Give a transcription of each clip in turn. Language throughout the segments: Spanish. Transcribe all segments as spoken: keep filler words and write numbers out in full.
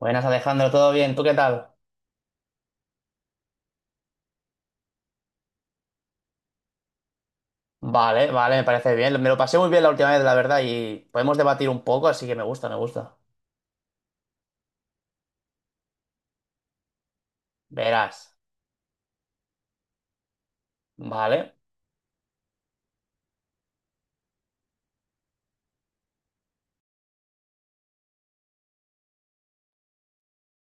Buenas, Alejandro, ¿todo bien? ¿Tú qué tal? Vale, vale, me parece bien. Me lo pasé muy bien la última vez, la verdad, y podemos debatir un poco, así que me gusta, me gusta. Verás. Vale,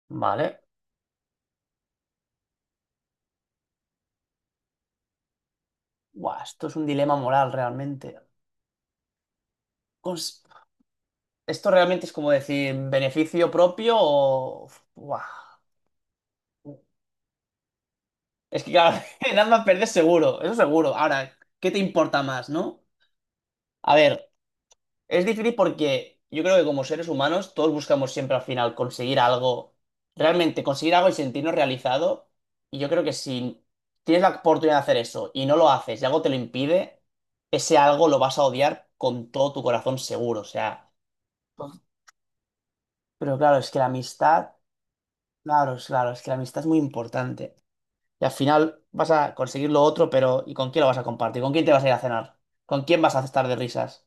vale. Buah, esto es un dilema moral realmente. Cons- Esto realmente es como decir beneficio propio o... Buah. Es que claro, en ambas perder seguro, eso seguro. Ahora, ¿qué te importa más, no? A ver, es difícil porque yo creo que como seres humanos todos buscamos siempre al final conseguir algo, realmente conseguir algo y sentirnos realizado. Y yo creo que si tienes la oportunidad de hacer eso y no lo haces y algo te lo impide, ese algo lo vas a odiar con todo tu corazón seguro. O sea, pero claro, es que la amistad, claro, es- claro, es que la amistad es muy importante. Y al final vas a conseguir lo otro, pero ¿y con quién lo vas a compartir? ¿Con quién te vas a ir a cenar? ¿Con quién vas a estar de risas?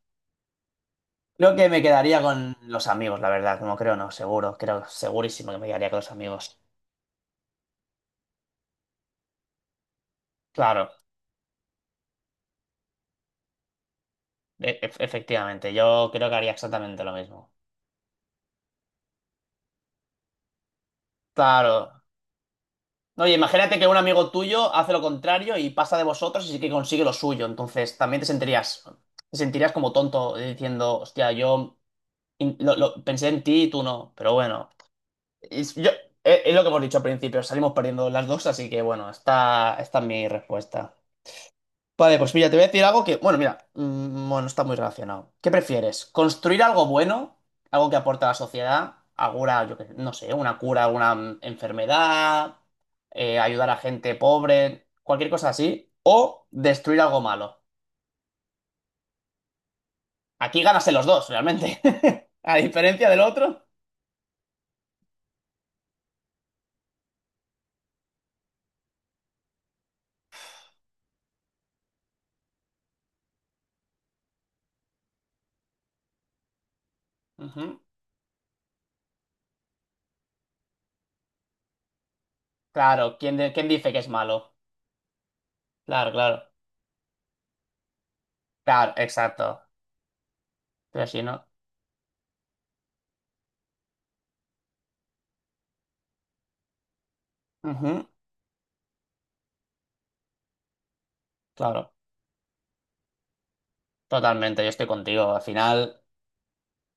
Creo que me quedaría con los amigos, la verdad. No creo, no, seguro. Creo, segurísimo que me quedaría con los amigos. Claro, e- e- efectivamente. Yo creo que haría exactamente lo mismo. Claro. Oye, imagínate que un amigo tuyo hace lo contrario y pasa de vosotros y sí que consigue lo suyo. Entonces también te sentirías, te sentirías como tonto eh, diciendo, hostia, yo in- lo- lo- pensé en ti y tú no. Pero bueno, es, yo- es- es lo que hemos dicho al principio. Salimos perdiendo las dos, así que bueno, esta, esta es mi respuesta. Vale, pues mira, te voy a decir algo que, bueno, mira, mm, bueno, está muy relacionado. ¿Qué prefieres? ¿Construir algo bueno? ¿Algo que aporta a la sociedad? ¿Alguna, yo qué sé, no sé, una cura, una mm, enfermedad? Eh, ¿ayudar a gente pobre? Cualquier cosa así. ¿O destruir algo malo? Aquí ganas en los dos, realmente. A diferencia del otro. Ujú. Claro, ¿quién, de- quién dice que es malo? Claro, claro. Claro, exacto. Pero si no. Ujú, claro, totalmente, yo estoy contigo. Al final.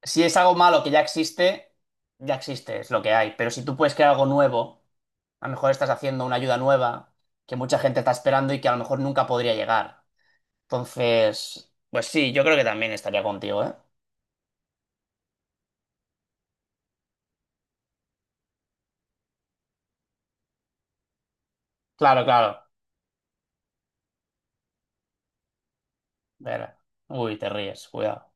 Si es algo malo que ya existe, ya existe, es lo que hay. Pero si tú puedes crear algo nuevo, a lo mejor estás haciendo una ayuda nueva que mucha gente está esperando y que a lo mejor nunca podría llegar. Entonces, pues sí, yo creo que también estaría contigo, ¿eh? Claro, claro. Ver. Uy, te ríes, cuidado.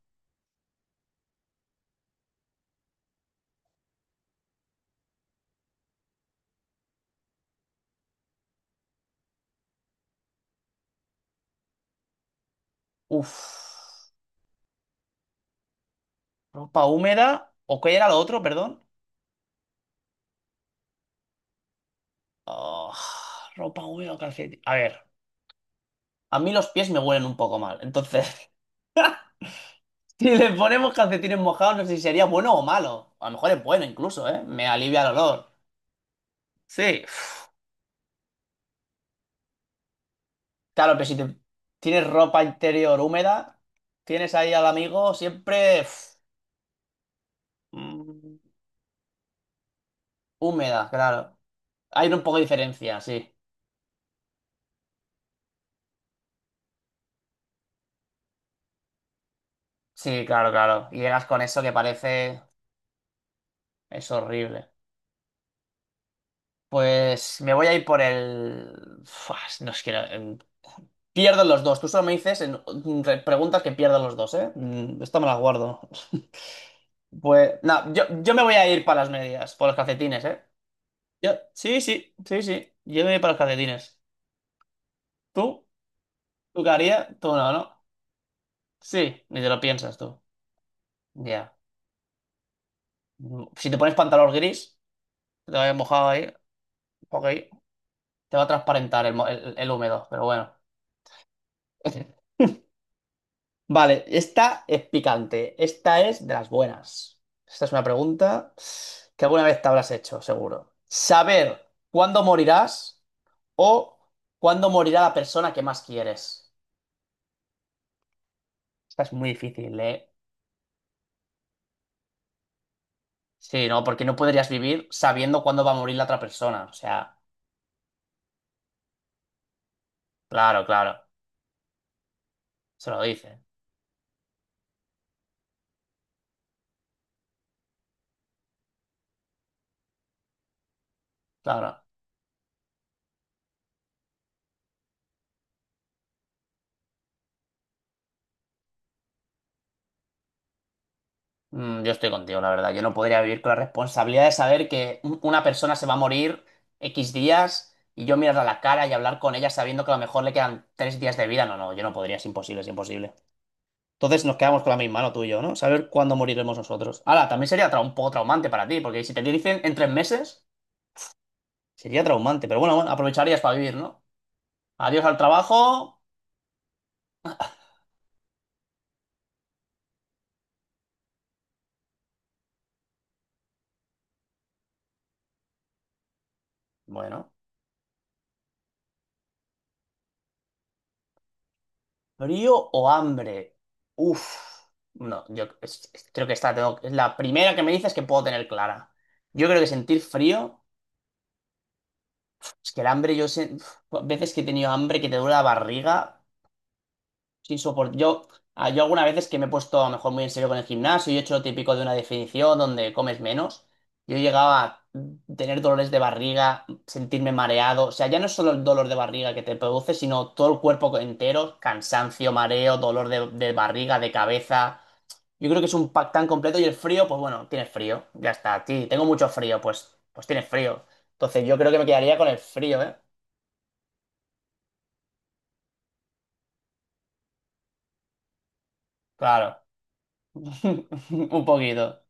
Uf. ¿Ropa húmeda? ¿O qué era lo otro, perdón? Ah, ropa húmeda o calcetín. A ver, a mí los pies me huelen un poco mal, entonces... Si le ponemos calcetines mojados, no sé si sería bueno o malo. A lo mejor es bueno incluso, ¿eh? Me alivia el olor. Sí. Claro, pero si te- tienes ropa interior húmeda, tienes ahí al amigo siempre uf, Mm, húmeda, claro. Hay un poco de diferencia, sí. Sí, claro, claro. Y llegas con eso que parece... es horrible. Pues me voy a ir por el... Fuas, no es que... no- em, pierden los dos. Tú solo me dices en en re- preguntas que pierdan los dos, ¿eh? Mm, esta me la guardo. Pues, no, yo, yo me voy a ir para las medias, por los calcetines, ¿eh? Yo, sí, sí, sí, sí, yo me voy para los calcetines. ¿Tú? ¿Tú qué harías? Tú no, ¿no? Sí, ni te lo piensas tú. Ya. Mm, si te pones pantalón gris, que te vayas mojado ahí, ok, te va a transparentar el, mo- el, el húmedo, pero bueno. Vale, esta es picante. Esta es de las buenas. Esta es una pregunta que alguna vez te habrás hecho, seguro. ¿Saber cuándo morirás o cuándo morirá la persona que más quieres? Esta es muy difícil, ¿eh? Sí, ¿no? Porque no podrías vivir sabiendo cuándo va a morir la otra persona. O sea, claro, claro. Se lo dice. Claro. Mm, yo estoy contigo, la verdad. Yo no podría vivir con la responsabilidad de saber que un- una persona se va a morir X días y yo mirarla a la cara y hablar con ella sabiendo que a lo mejor le quedan tres días de vida. No, no, yo no podría. Es imposible, es imposible. Entonces nos quedamos con la misma, no tú y yo, ¿no? Saber cuándo moriremos nosotros. Ahora, también sería tra- un poco traumante para ti, porque si te dicen en tres meses. Sería traumante, pero bueno, bueno, aprovecharías para vivir, ¿no? Adiós al trabajo. Bueno, frío o hambre. Uf, no, yo es- es- creo que esta tengo- es la primera que me dices que puedo tener clara. Yo creo que sentir frío, es que el hambre, yo sé, uf, veces que he tenido hambre que te duele la barriga. Sin soporte. Yo, ah, yo algunas veces que me he puesto a lo mejor muy en serio con el gimnasio y he hecho lo típico de una definición donde comes menos, yo llegaba a tener dolores de barriga, sentirme mareado. O sea, ya no es solo el dolor de barriga que te produce, sino todo el cuerpo entero, cansancio, mareo, dolor de, de barriga, de cabeza. Yo creo que es un pack tan completo y el frío, pues bueno, tienes frío, ya está. Sí, tengo mucho frío, pues, pues tienes frío. Entonces yo creo que me quedaría con el frío, ¿eh? Claro. Un poquito.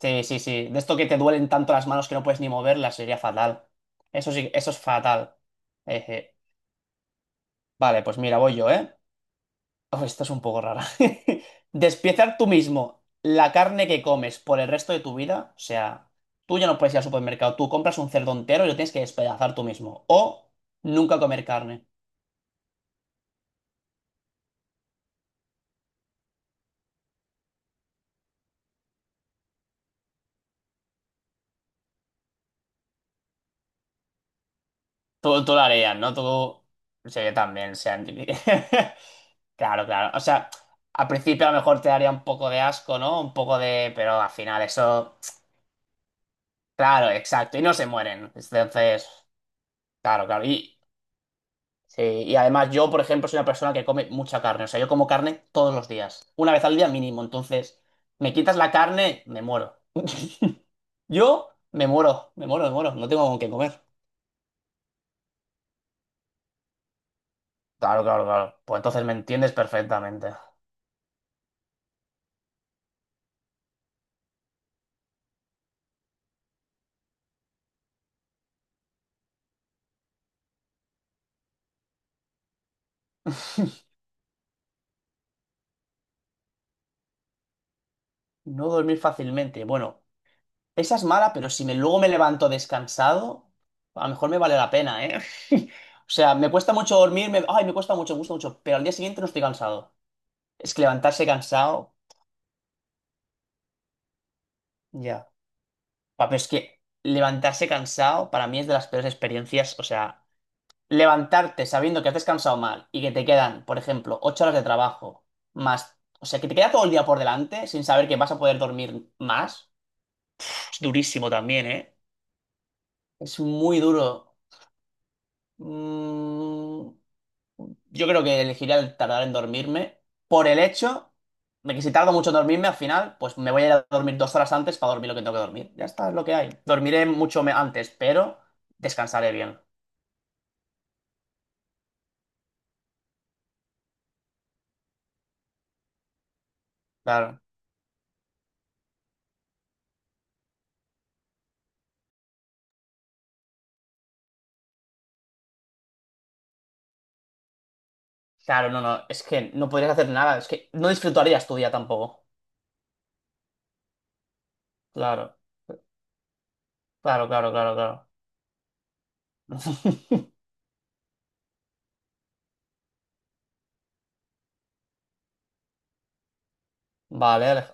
Sí, sí, sí. De esto que te duelen tanto las manos que no puedes ni moverlas, sería fatal. Eso sí, eso es fatal. Eje. Vale, pues mira, voy yo, ¿eh? Oh, esto es un poco rara. Despiezar tú mismo la carne que comes por el resto de tu vida. O sea, tú ya no puedes ir al supermercado. Tú compras un cerdo entero y lo tienes que despedazar tú mismo. O nunca comer carne. Tú, tú lo harías, ¿no? Tú. Sí, yo también, o sea. Claro, claro. O sea, al principio a lo mejor te daría un poco de asco, ¿no? Un poco de. Pero al final eso. Claro, exacto. Y no se mueren. Entonces, claro, claro. Y, sí, y además yo, por ejemplo, soy una persona que come mucha carne. O sea, yo como carne todos los días. Una vez al día mínimo. Entonces, me quitas la carne, me muero. Yo me muero, me muero, me muero. No tengo con qué comer. Claro, claro, claro. Pues entonces me entiendes perfectamente. No dormir fácilmente. Bueno, esa es mala, pero si me, luego me levanto descansado, a lo mejor me vale la pena, ¿eh? O sea, me cuesta mucho dormir, me- ay, me cuesta mucho, me gusta mucho, pero al día siguiente no estoy cansado. Es que levantarse cansado, ya. Pa, pero es que levantarse cansado para mí es de las peores experiencias. O sea, levantarte sabiendo que has descansado mal y que te quedan, por ejemplo, ocho horas de trabajo más. O sea, que te queda todo el día por delante sin saber que vas a poder dormir más. Es durísimo también, ¿eh? Es muy duro. Mm, yo creo que elegiría el tardar en dormirme por el hecho de que si tardo mucho en dormirme, al final, pues me voy a ir a dormir dos horas antes para dormir lo que tengo que dormir. Ya está, es lo que hay. Dormiré mucho me- antes, pero descansaré bien. Claro, claro, no, no, es que no podrías hacer nada, es que no disfrutarías tu día tampoco. Claro, claro, claro, claro, claro. Vale, Alej-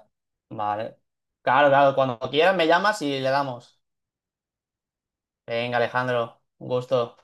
vale. Claro, claro, cuando quieras me llamas y le damos. Venga, Alejandro, un gusto.